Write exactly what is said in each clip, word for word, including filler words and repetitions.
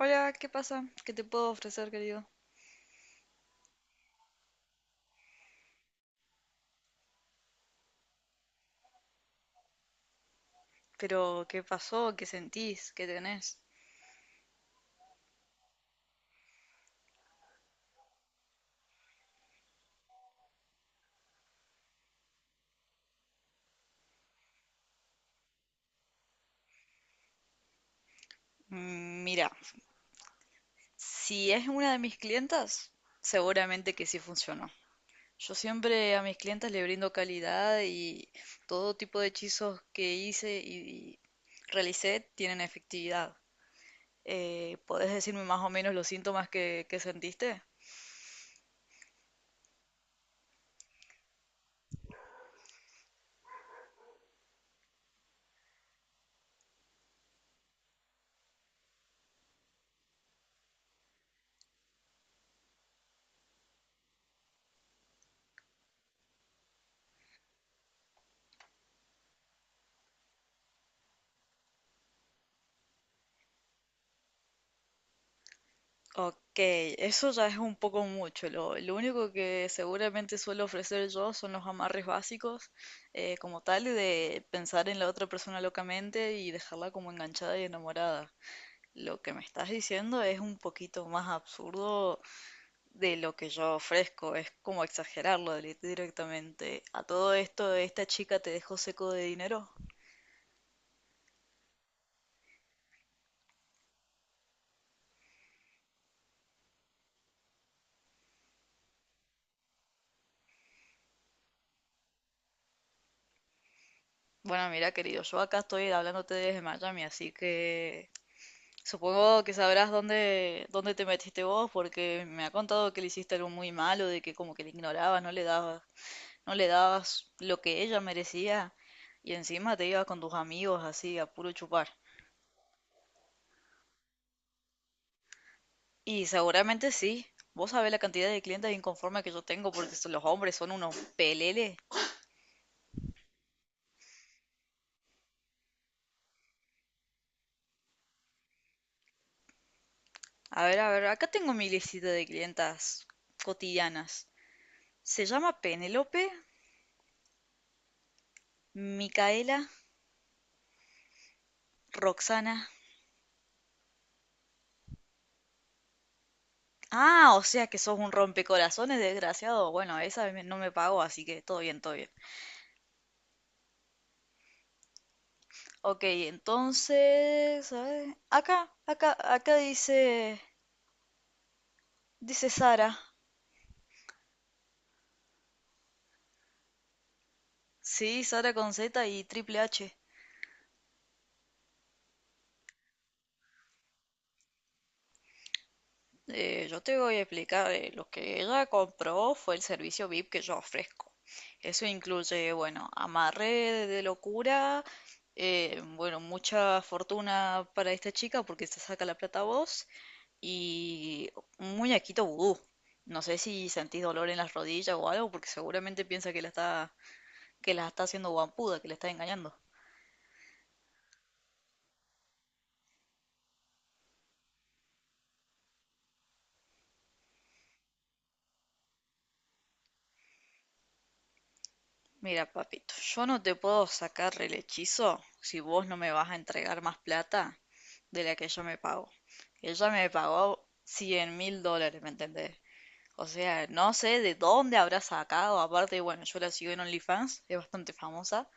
Hola, ¿qué pasa? ¿Qué te puedo ofrecer, querido? Pero, ¿qué pasó? ¿Qué sentís? ¿Qué tenés? Mm, mira, si es una de mis clientas, seguramente que sí funcionó. Yo siempre a mis clientas le brindo calidad y todo tipo de hechizos que hice y realicé tienen efectividad. Eh, ¿podés decirme más o menos los síntomas que, que sentiste? Ok, eso ya es un poco mucho. Lo, lo único que seguramente suelo ofrecer yo son los amarres básicos, eh, como tal, de pensar en la otra persona locamente y dejarla como enganchada y enamorada. Lo que me estás diciendo es un poquito más absurdo de lo que yo ofrezco, es como exagerarlo li- directamente. A todo esto, esta chica te dejó seco de dinero. Bueno, mira, querido, yo acá estoy hablándote desde Miami, así que... Supongo que sabrás dónde, dónde te metiste vos, porque me ha contado que le hiciste algo muy malo, de que como que le ignorabas, no le dabas, no le dabas lo que ella merecía, y encima te ibas con tus amigos así a puro chupar. Y seguramente sí, vos sabés la cantidad de clientes inconformes que yo tengo, porque son- los hombres son unos peleles. A ver, a ver, acá tengo mi listita de clientas cotidianas. Se llama Penelope, Micaela, Roxana. Ah, o sea que sos un rompecorazones, desgraciado. Bueno, esa me- no me pagó, así que todo bien, todo bien. Ok, entonces, a ver, acá, acá, acá dice, dice Sara. Sí, Sara con Z y Triple H. Eh, yo te voy a explicar, eh, lo que ella compró fue el servicio V I P que yo ofrezco. Eso incluye, bueno, amarre de locura, eh, bueno, mucha fortuna para esta chica porque se saca la plata a vos. Y un muñequito vudú. No sé si sentís dolor en las rodillas o algo, porque seguramente piensa que la está, que la está haciendo guampuda, que la está engañando. Mira, papito, yo no te puedo sacar el hechizo si vos no me vas a entregar más plata de la que ella me pagó. Ella me pagó cien mil dólares, ¿me entendés? O sea, no sé de dónde habrá sacado. Aparte, bueno, yo la sigo en OnlyFans, es bastante famosa.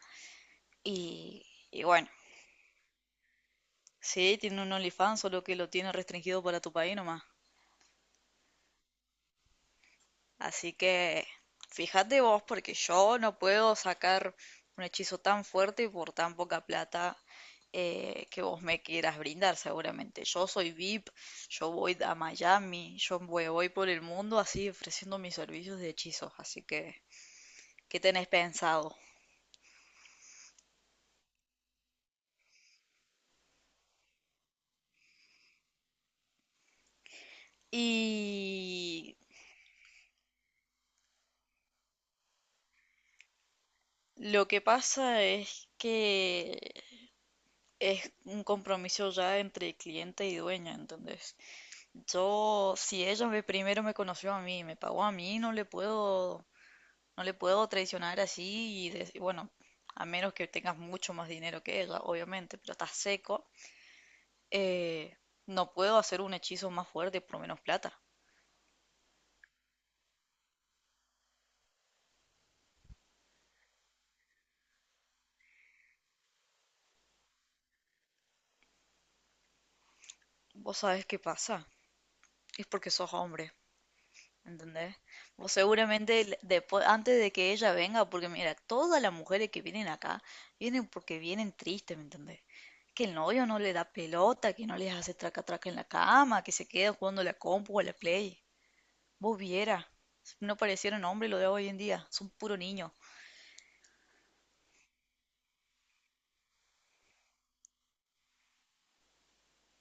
Y, y bueno, Sí, tiene un OnlyFans, solo que lo tiene restringido para tu país nomás. Así que fíjate vos, porque yo no puedo sacar un hechizo tan fuerte por tan poca plata eh, que vos me quieras brindar, seguramente. Yo soy V I P, yo voy a Miami, yo voy, voy por el mundo así ofreciendo mis servicios de hechizos. Así que, ¿qué tenés pensado? Y lo que pasa es que es un compromiso ya entre cliente y dueña, ¿entendés? Yo, si ella me, primero me conoció a mí, me pagó a mí, no le puedo, no le puedo traicionar así y dec- bueno, a menos que tengas mucho más dinero que ella, obviamente, pero estás seco, eh, no puedo hacer un hechizo más fuerte por menos plata. ¿Vos sabés qué pasa? Es porque sos hombre. ¿Entendés? Vos seguramente el- después, antes de que ella venga, porque mira, todas las mujeres que vienen acá vienen porque vienen tristes, ¿me entendés? Que el novio no le da pelota, que no les hace traca traca en la cama, que se queda jugando a la compu o a la play. Vos viera, no parecieron hombres lo de hoy en día, son puro niño.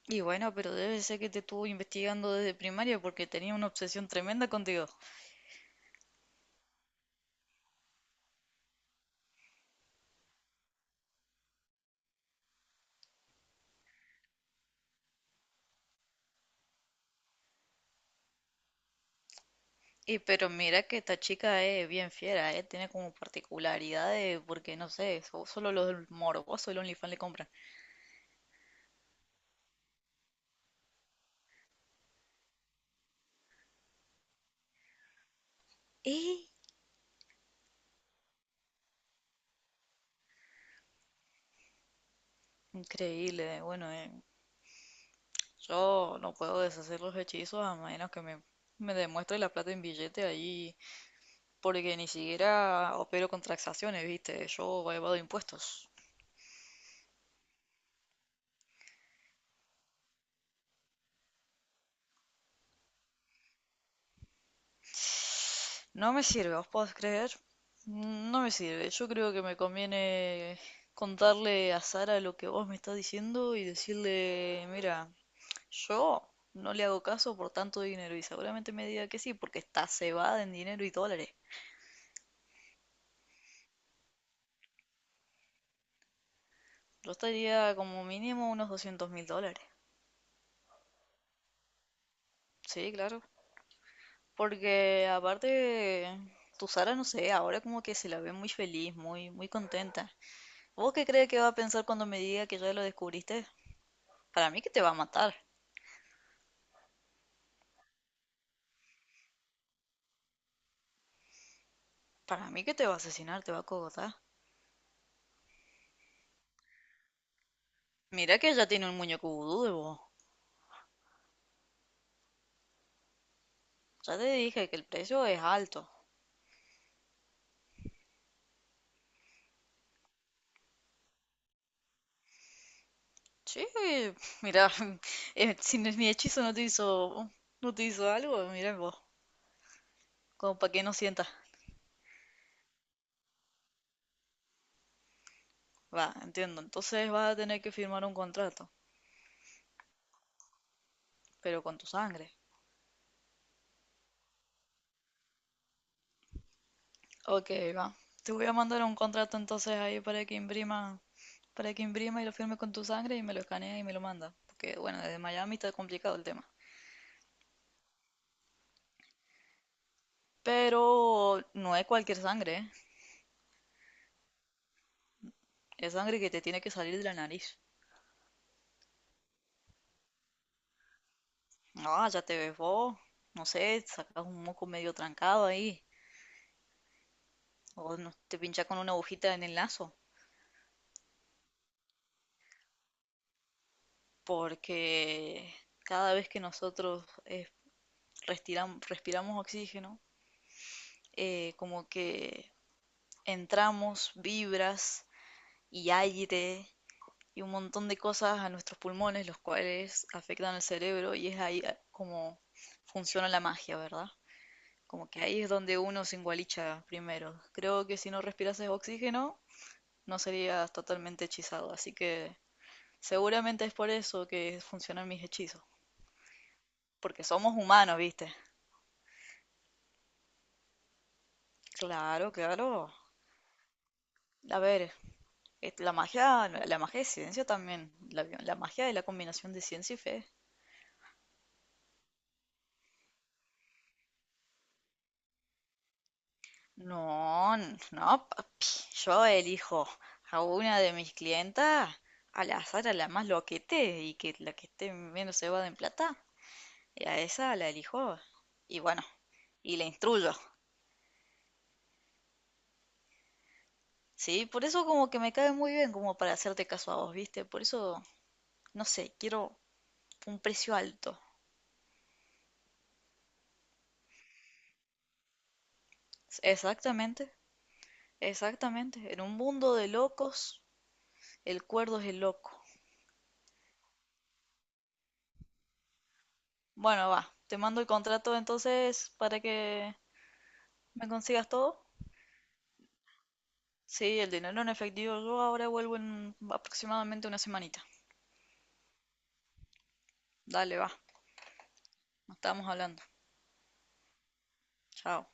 Y bueno, pero debe ser que te estuvo investigando desde primaria porque tenía una obsesión tremenda contigo. Y pero mira que esta chica es bien fiera, ¿eh? Tiene como particularidades, porque no sé, so- solo los morbosos el OnlyFans le compran. ¡Eh! Increíble, bueno, eh, yo no puedo deshacer los hechizos a menos que me, me demuestre la plata en billete ahí, porque ni siquiera opero con transacciones, ¿viste? Yo evado impuestos. No me sirve, ¿os podés creer? No me sirve, yo creo que me conviene contarle a Sara lo que vos me estás diciendo y decirle, mira, yo no le hago caso por tanto dinero y seguramente me diga que sí, porque está cebada en dinero y dólares. Yo estaría como mínimo unos doscientos mil dólares. Sí, claro. Porque aparte, tu Sara, no sé, ahora como que se la ve muy feliz, muy, muy contenta. ¿Vos qué crees que va a pensar cuando me diga que ya lo descubriste? Para mí que te va a matar. Para mí que te va a asesinar, te va a cogotar. Mira que ya tiene un muñeco vudú de vos. Ya te dije que el precio es alto. Sí, mira, eh, si no- mi hechizo no te hizo, no te hizo algo, mira vos, como para que no sientas. Va, entiendo. Entonces vas a tener que firmar un contrato, pero con tu sangre. Ok, va. Te voy a mandar un contrato entonces ahí para que imprima, para que imprima y lo firme con tu sangre y me lo escanea y me lo manda. Porque bueno, desde Miami está complicado el tema. Pero no es cualquier sangre, ¿eh? Es sangre que te tiene que salir de la nariz. Ah, ya te ves vos. No sé, sacas un moco medio trancado ahí. O nos, te pincha con una agujita en el naso porque cada vez que nosotros eh, restiram- respiramos oxígeno, eh, como que entramos vibras y aire y un montón de cosas a nuestros pulmones, los cuales afectan al cerebro y es ahí ah, como funciona la magia, ¿verdad? Como que ahí es donde uno se engualicha primero. Creo que si no respirases oxígeno, no serías totalmente hechizado, así que seguramente es por eso que funcionan mis hechizos. Porque somos humanos, ¿viste? Claro, claro. A ver, eh, la magia, la magia de ciencia también. La, la magia de la combinación de ciencia y fe. No, n- no, papi. Yo elijo a una de mis clientas al azar, a la más loquete y que la que esté menos cebada en plata. Y a esa la elijo. Y bueno, y la instruyo. Sí, por eso como que me cae muy bien como para hacerte caso a vos, ¿viste? Por eso no sé, quiero un precio alto. Exactamente, exactamente. En un mundo de locos, el cuerdo es el loco. Bueno, va. Te mando el contrato entonces para que me consigas todo. Sí, el dinero en efectivo. Yo ahora vuelvo en aproximadamente una semanita. Dale, va. Nos estamos hablando. Chao.